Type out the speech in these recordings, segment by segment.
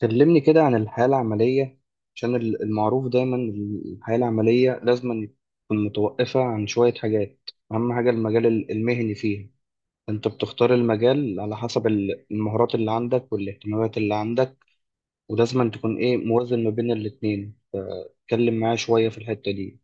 كلمني كده عن الحياة العملية. عشان المعروف دايما الحياة العملية لازم تكون متوقفة عن شوية حاجات. أهم حاجة المجال المهني فيها، أنت بتختار المجال على حسب المهارات اللي عندك والاهتمامات اللي عندك، ولازم تكون إيه موازن ما بين الاتنين. فتكلم معايا شوية في الحتة دي.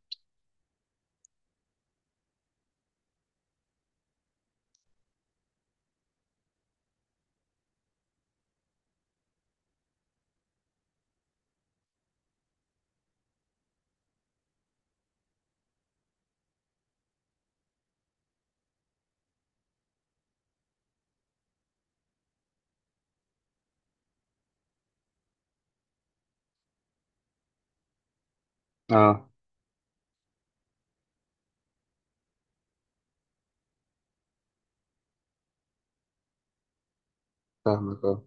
آه. فاهمك، آه.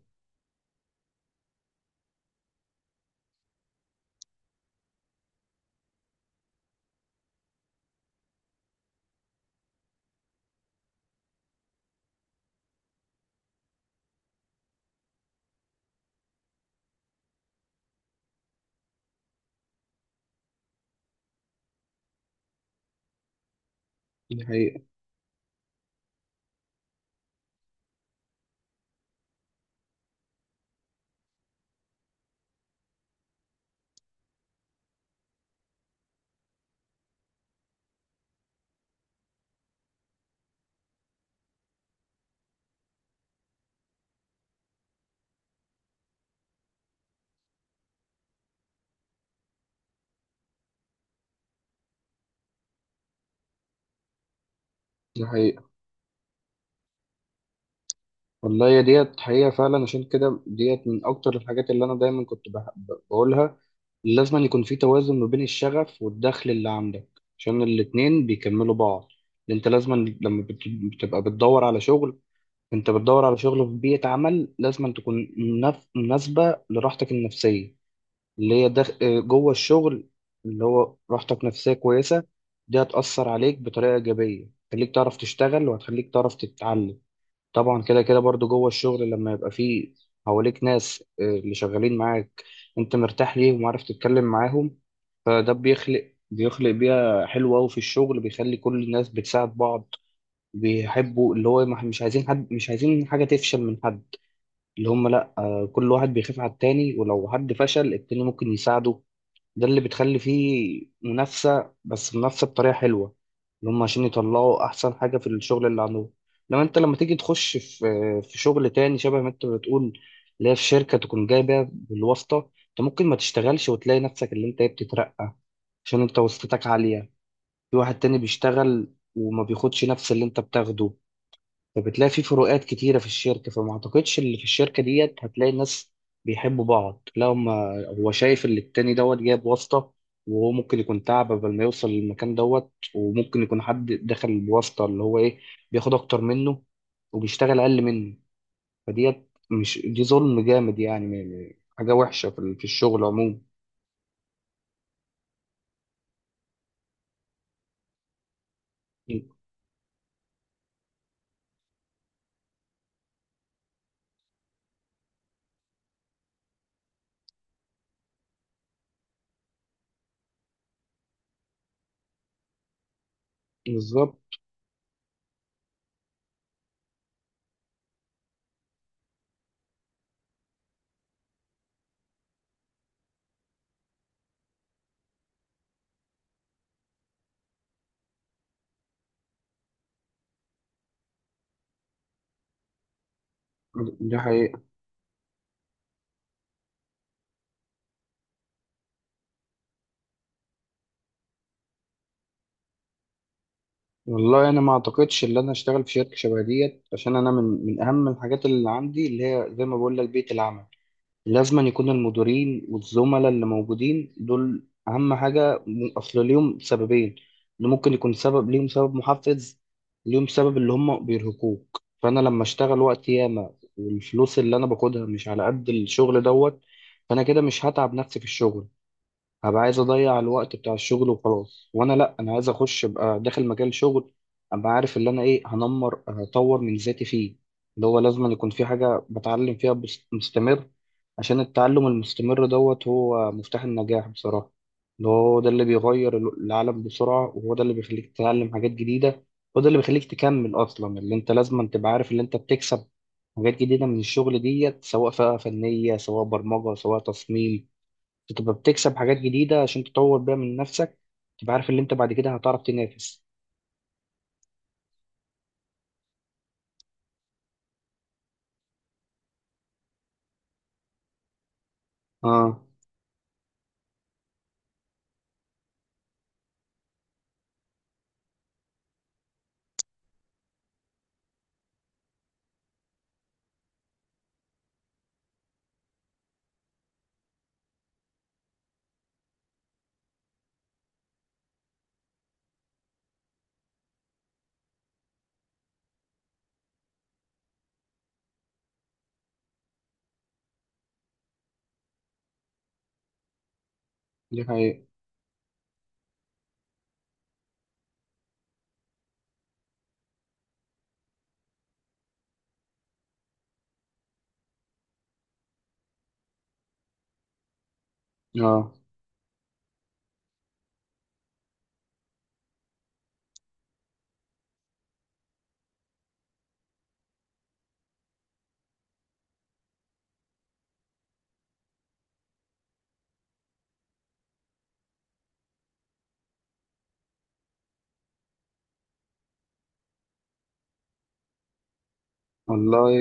دي حقيقة. دي حقيقة. والله يا ديت حقيقة فعلا. عشان كده ديت من أكتر الحاجات اللي أنا دايما كنت بقولها، لازم أن يكون في توازن ما بين الشغف والدخل اللي عندك، عشان الاتنين بيكملوا بعض. انت لازم أن لما بتبقى بتدور على شغل، انت بتدور على شغل في بيئة عمل لازم أن تكون مناسبة لراحتك النفسية، اللي هي دخ... آه، جوه الشغل، اللي هو راحتك نفسية كويسة. دي هتأثر عليك بطريقة إيجابية، هتخليك تعرف تشتغل وهتخليك تعرف تتعلم. طبعا كده كده برضو جوه الشغل لما يبقى فيه حواليك ناس اللي شغالين معاك، انت مرتاح ليهم وعارف تتكلم معاهم. فده بيخلق بيئة حلوة أوي في الشغل، بيخلي كل الناس بتساعد بعض، بيحبوا اللي هو مش عايزين حد، مش عايزين حاجة تفشل من حد. اللي هم لأ، كل واحد بيخاف على التاني، ولو حد فشل التاني ممكن يساعده. ده اللي بتخلي فيه منافسة، بس منافسة بطريقة حلوة، اللي هم عشان يطلعوا أحسن حاجة في الشغل اللي عندهم. لما أنت تيجي تخش في شغل تاني شبه ما أنت بتقول، اللي هي في شركة تكون جايبة بالواسطة، أنت ممكن ما تشتغلش وتلاقي نفسك اللي أنت إيه بتترقى عشان أنت واسطتك عالية، في واحد تاني بيشتغل وما بياخدش نفس اللي أنت بتاخده. فبتلاقي في فروقات كتيرة في الشركة، فما أعتقدش اللي في الشركة ديت هتلاقي الناس بيحبوا بعض. لا، هو شايف اللي التاني دوت جايب واسطة، وهو ممكن يكون تعب قبل ما يوصل للمكان دوت، وممكن يكون حد دخل بواسطة اللي هو إيه بياخد أكتر منه وبيشتغل أقل منه. فديت مش دي ظلم جامد يعني، حاجة وحشة في في الشغل عموما. بالظبط. دي حقيقة. والله انا ما اعتقدش ان انا اشتغل في شركه شبه ديت. عشان انا من اهم الحاجات اللي عندي، اللي هي زي ما بقول لك، بيئه العمل. لازم أن يكون المديرين والزملاء اللي موجودين دول اهم حاجه، اصل ليهم سببين، اللي ممكن يكون سبب ليهم سبب محفز، ليهم سبب اللي هم بيرهقوك. فانا لما اشتغل وقت ياما والفلوس اللي انا باخدها مش على قد الشغل دوت، فانا كده مش هتعب نفسي في الشغل، هبقى عايز اضيع الوقت بتاع الشغل وخلاص. وانا لا، انا عايز اخش ابقى داخل مجال شغل، ابقى عارف اللي انا ايه هنمر هطور من ذاتي فيه، اللي هو لازم أن يكون في حاجة بتعلم فيها مستمر. عشان التعلم المستمر دوت هو مفتاح النجاح بصراحة. اللي هو ده اللي بيغير العالم بسرعة، وهو ده اللي بيخليك تتعلم حاجات جديدة، هو ده اللي بيخليك تكمل أصلا. اللي أنت لازم أن تبقى عارف اللي أنت بتكسب حاجات جديدة من الشغل ديت، سواء فئة فنية سواء برمجة سواء تصميم، تبقى بتكسب حاجات جديدة عشان تطور بيها من نفسك، تبقى عارف اللي انت بعد كده هتعرف تنافس. اه. دي حقيقة. اه. والله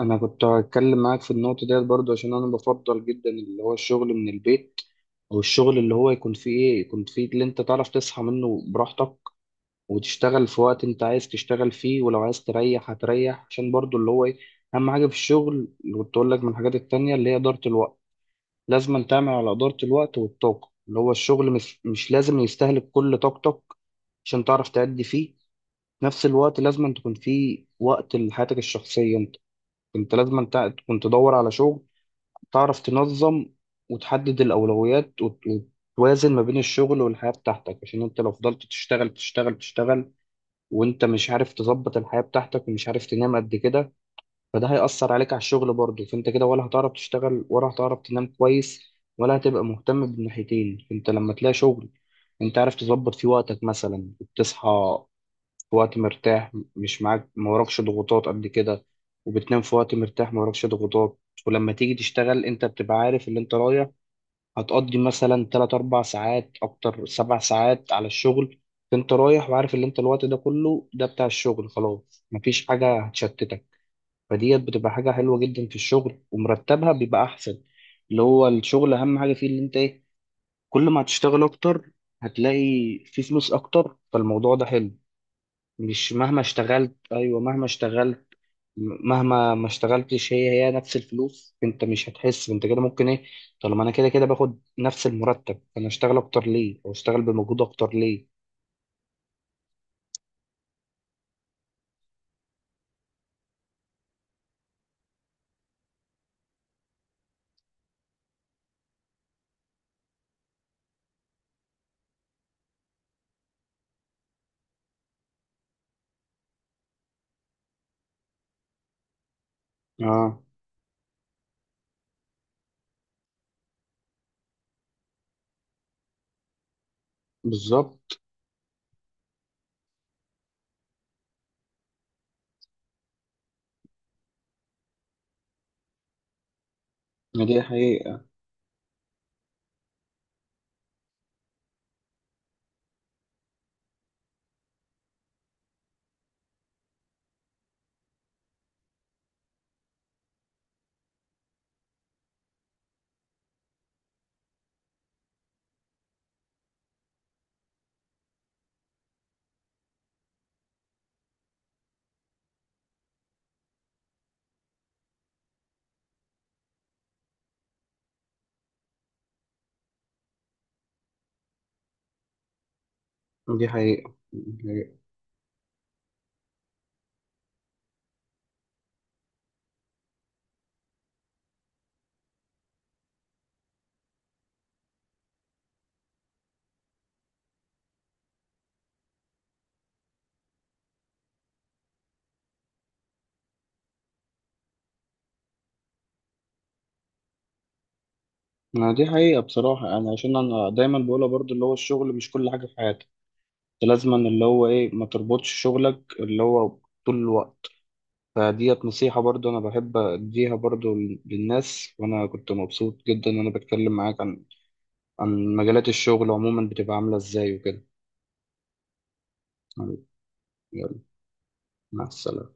انا كنت هتكلم معاك في النقطة ديت برضو، عشان انا بفضل جدا اللي هو الشغل من البيت، او الشغل اللي هو يكون فيه ايه، يكون فيه اللي انت تعرف تصحى منه براحتك وتشتغل في وقت انت عايز تشتغل فيه، ولو عايز تريح هتريح. عشان برضو اللي هو ايه، اهم حاجة في الشغل اللي كنت اقول لك من الحاجات التانية اللي هي إدارة الوقت. لازم تعمل على إدارة الوقت والطاقة، اللي هو الشغل مش لازم يستهلك كل طاقتك عشان تعرف تأدي فيه. في نفس الوقت لازم تكون فيه وقت لحياتك الشخصية انت. انت لازم تكون تدور على شغل تعرف تنظم وتحدد الأولويات وتوازن ما بين الشغل والحياة بتاعتك. عشان انت لو فضلت تشتغل تشتغل تشتغل وانت مش عارف تظبط الحياة بتاعتك ومش عارف تنام قد كده، فده هيأثر عليك على الشغل برضه. فانت كده ولا هتعرف تشتغل ولا هتعرف تنام كويس ولا هتبقى مهتم بالناحيتين. انت لما تلاقي شغل انت عارف تظبط فيه وقتك، مثلا بتصحى في وقت مرتاح مش معاك، ما وراكش ضغوطات قبل كده، وبتنام في وقت مرتاح، ما وراكش ضغوطات، ولما تيجي تشتغل انت بتبقى عارف اللي انت رايح هتقضي مثلا 3 4 ساعات اكتر 7 ساعات على الشغل. فانت رايح وعارف اللي انت الوقت ده كله ده بتاع الشغل، خلاص مفيش حاجة هتشتتك. فديت بتبقى حاجة حلوة جدا في الشغل، ومرتبها بيبقى أحسن. اللي هو الشغل أهم حاجة فيه اللي أنت إيه، كل ما هتشتغل أكتر هتلاقي فيه فلوس أكتر. فالموضوع ده حلو. مش مهما اشتغلت، أيوة مهما اشتغلت، مهما ما اشتغلتش هي هي نفس الفلوس، أنت مش هتحس. أنت كده ممكن إيه، طالما أنا كده كده باخد نفس المرتب، أنا أشتغل أكتر ليه أو أشتغل بمجهود أكتر ليه؟ آه. بالظبط. دي حقيقة. دي حقيقة. ما دي حقيقة بصراحة. أنا عشان أنا دايما بقولها برضو، اللي هو الشغل مش كل حاجة في حياتك، أنت لازما اللي هو إيه ما تربطش شغلك اللي هو طول الوقت. فديت نصيحة برضو أنا بحب أديها برضو للناس. وأنا كنت مبسوط جدا إن أنا بتكلم معاك عن مجالات الشغل عموما، بتبقى عاملة إزاي وكده. يلا، مع السلامة.